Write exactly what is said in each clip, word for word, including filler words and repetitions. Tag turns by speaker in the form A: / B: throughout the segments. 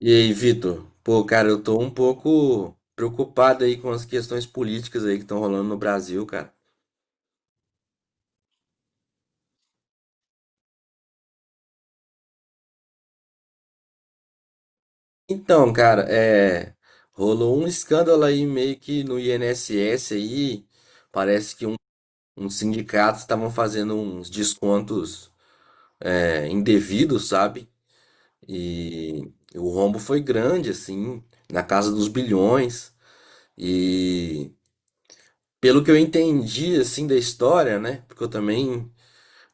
A: E aí, Vitor? Pô, cara, eu tô um pouco preocupado aí com as questões políticas aí que estão rolando no Brasil, cara. Então, cara, é, rolou um escândalo aí meio que no I N S S aí, parece que um, uns sindicatos estavam fazendo uns descontos, é, indevidos, sabe? E o rombo foi grande, assim, na casa dos bilhões. E pelo que eu entendi, assim, da história, né? Porque eu também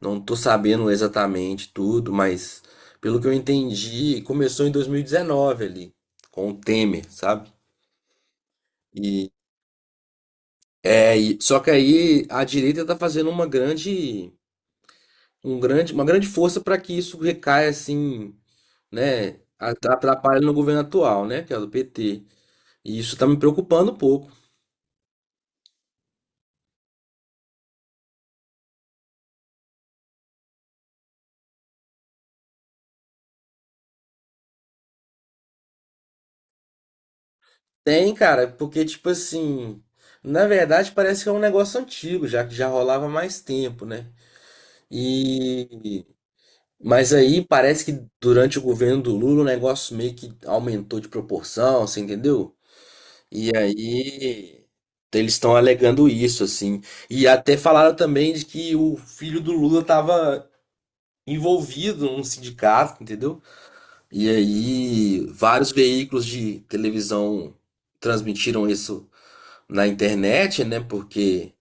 A: não tô sabendo exatamente tudo, mas pelo que eu entendi, começou em dois mil e dezenove ali, com o Temer, sabe? E é, e- só que aí a direita tá fazendo uma grande, um grande, uma grande força para que isso recaia assim, né, atra- atrapalhe no governo atual, né, que é o do P T. E isso tá me preocupando um pouco. Tem, cara, porque tipo assim, na verdade parece que é um negócio antigo, já que já rolava há mais tempo, né? E Mas aí parece que durante o governo do Lula o negócio meio que aumentou de proporção, você entendeu? E aí eles estão alegando isso, assim. E até falaram também de que o filho do Lula estava envolvido num sindicato, entendeu? E aí vários veículos de televisão transmitiram isso na internet, né? Porque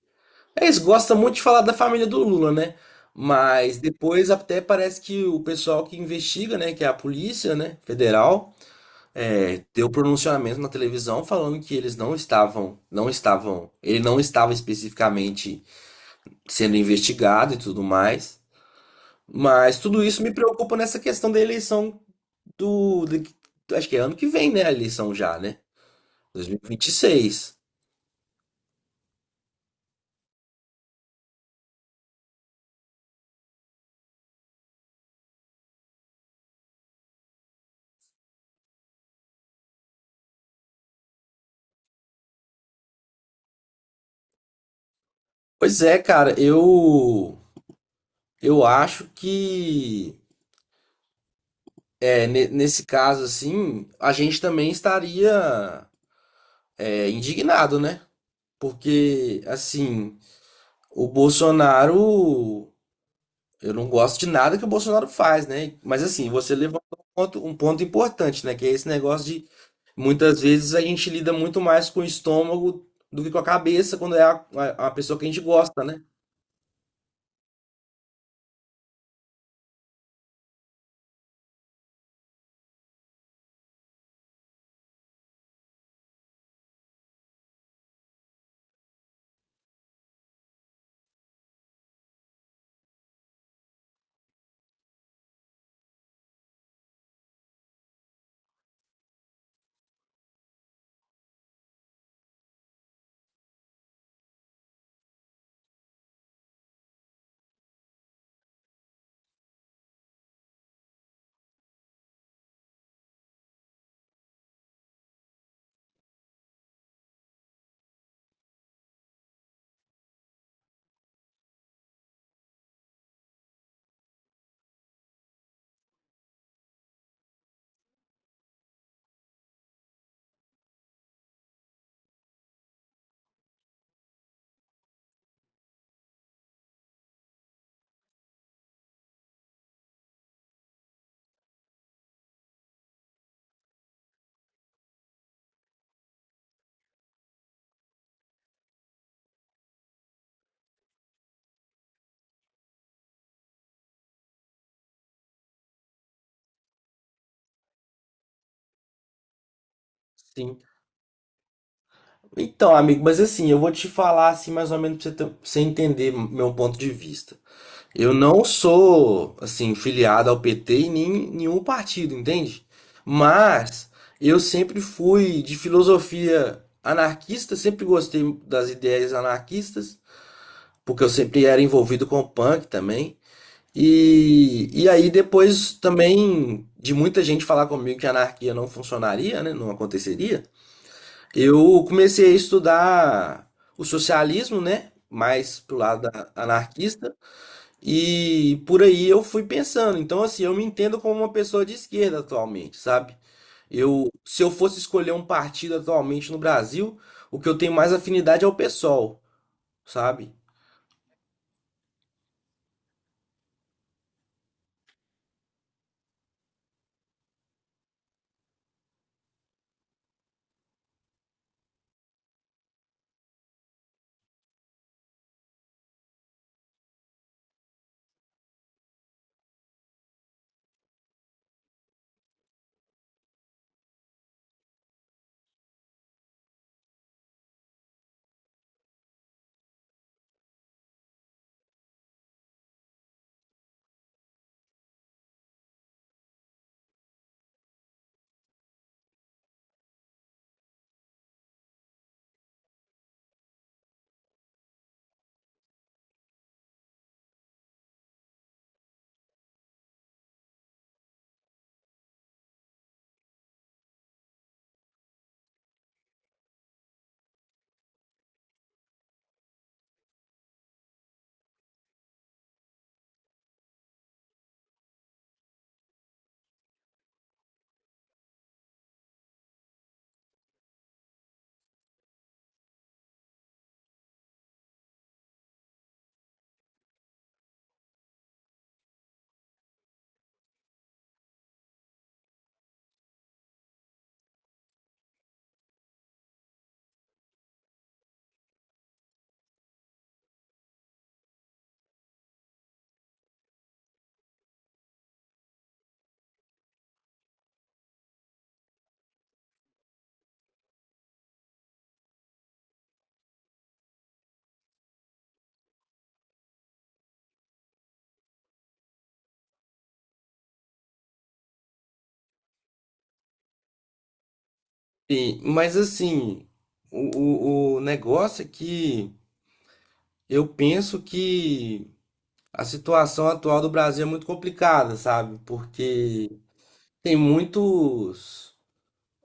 A: é isso, gosta muito de falar da família do Lula, né? Mas depois até parece que o pessoal que investiga, né, que é a polícia, né, federal, é, deu pronunciamento na televisão falando que eles não estavam, não estavam, ele não estava especificamente sendo investigado e tudo mais. Mas tudo isso me preocupa nessa questão da eleição do, de- acho que é ano que vem, né, a eleição já, né? dois mil e vinte e seis. Pois é, cara, eu eu acho que é, nesse caso, assim, a gente também estaria, é, indignado, né? Porque, assim, o Bolsonaro. Eu não gosto de nada que o Bolsonaro faz, né? Mas, assim, você levantou um ponto, um ponto importante, né? Que é esse negócio de. Muitas vezes a gente lida muito mais com o estômago do que com a cabeça quando é a, a- a pessoa que a gente gosta, né? Sim. Então, amigo, mas assim, eu vou te falar assim mais ou menos pra você, ter- pra você entender meu ponto de vista. Eu não sou, assim, filiado ao P T e nem nenhum partido, entende? Mas eu sempre fui de filosofia anarquista, sempre gostei das ideias anarquistas, porque eu sempre era envolvido com punk também. E, e aí depois também de muita gente falar comigo que a anarquia não funcionaria, né, não aconteceria, eu comecei a estudar o socialismo, né, mais pro lado da- anarquista. E por aí eu fui pensando. Então, assim, eu me entendo como uma pessoa de esquerda atualmente, sabe? Eu, se eu fosse escolher um partido atualmente no Brasil, o que eu tenho mais afinidade é o pê sol, sabe? E- mas assim, o, o, o negócio é que eu penso que a situação atual do Brasil é muito complicada, sabe? Porque tem muitos.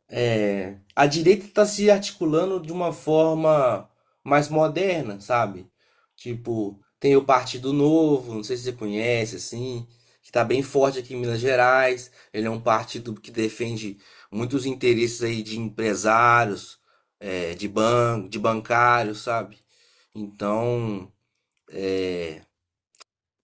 A: É, a direita está se articulando de uma forma mais moderna, sabe? Tipo, tem o Partido Novo, não sei se você conhece, assim, que está bem forte aqui em Minas Gerais. Ele é um partido que defende muitos interesses aí de empresários, é, de banco, de bancários, sabe? Então,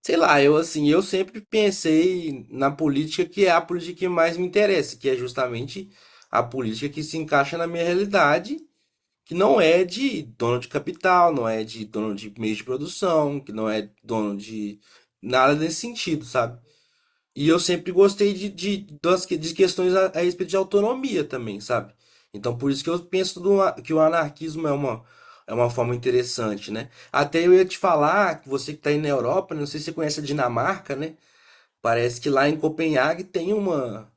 A: sei lá, eu assim, eu sempre pensei na política que é a política que mais me interessa, que é justamente a política que se encaixa na minha realidade, que não é de dono de capital, não é de dono de meios de produção, que não é dono de nada nesse sentido, sabe? E eu sempre gostei de, de, das, que- de questões a, a respeito de autonomia também, sabe? Então por isso que eu penso do a- que o anarquismo é uma, é uma forma interessante, né? Até eu ia te falar, que você que está aí na Europa, né, não sei se você conhece a Dinamarca, né? Parece que lá em Copenhague tem uma,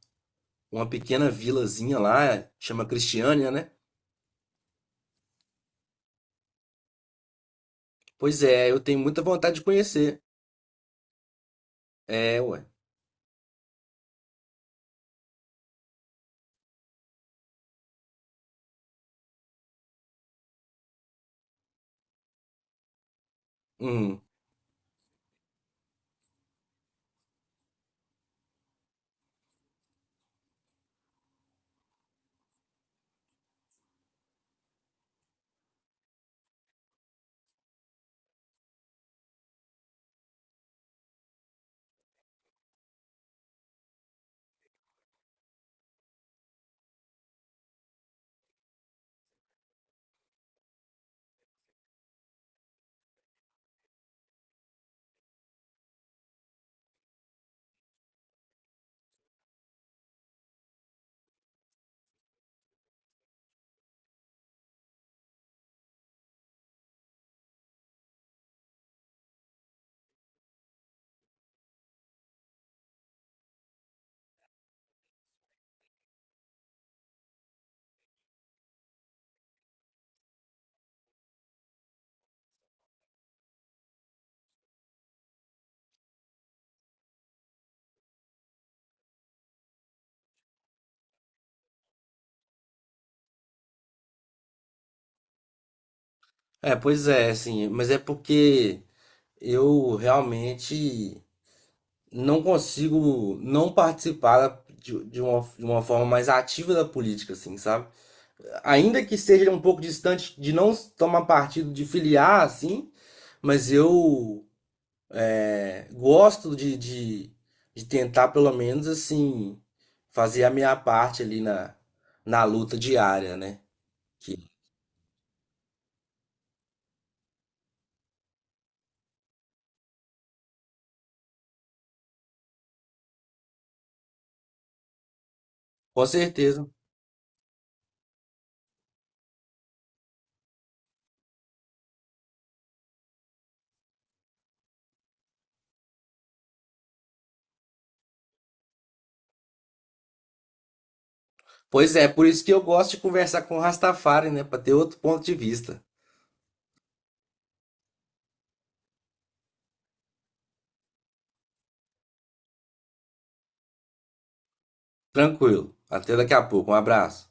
A: uma pequena vilazinha lá, chama Cristiânia, né? Pois é, eu tenho muita vontade de conhecer. É, ué. Uhum. É, pois é, assim, mas é porque eu realmente não consigo não participar de, de uma, de uma forma mais ativa da política, assim, sabe? Ainda que seja um pouco distante de não tomar partido, de filiar, assim, mas eu, é, gosto de, de, de tentar, pelo menos, assim, fazer a minha parte ali na, na luta diária, né? Que com certeza. Pois é, por isso que eu gosto de conversar com o Rastafari, né? Para ter outro ponto de vista. Tranquilo. Até daqui a pouco. Um abraço.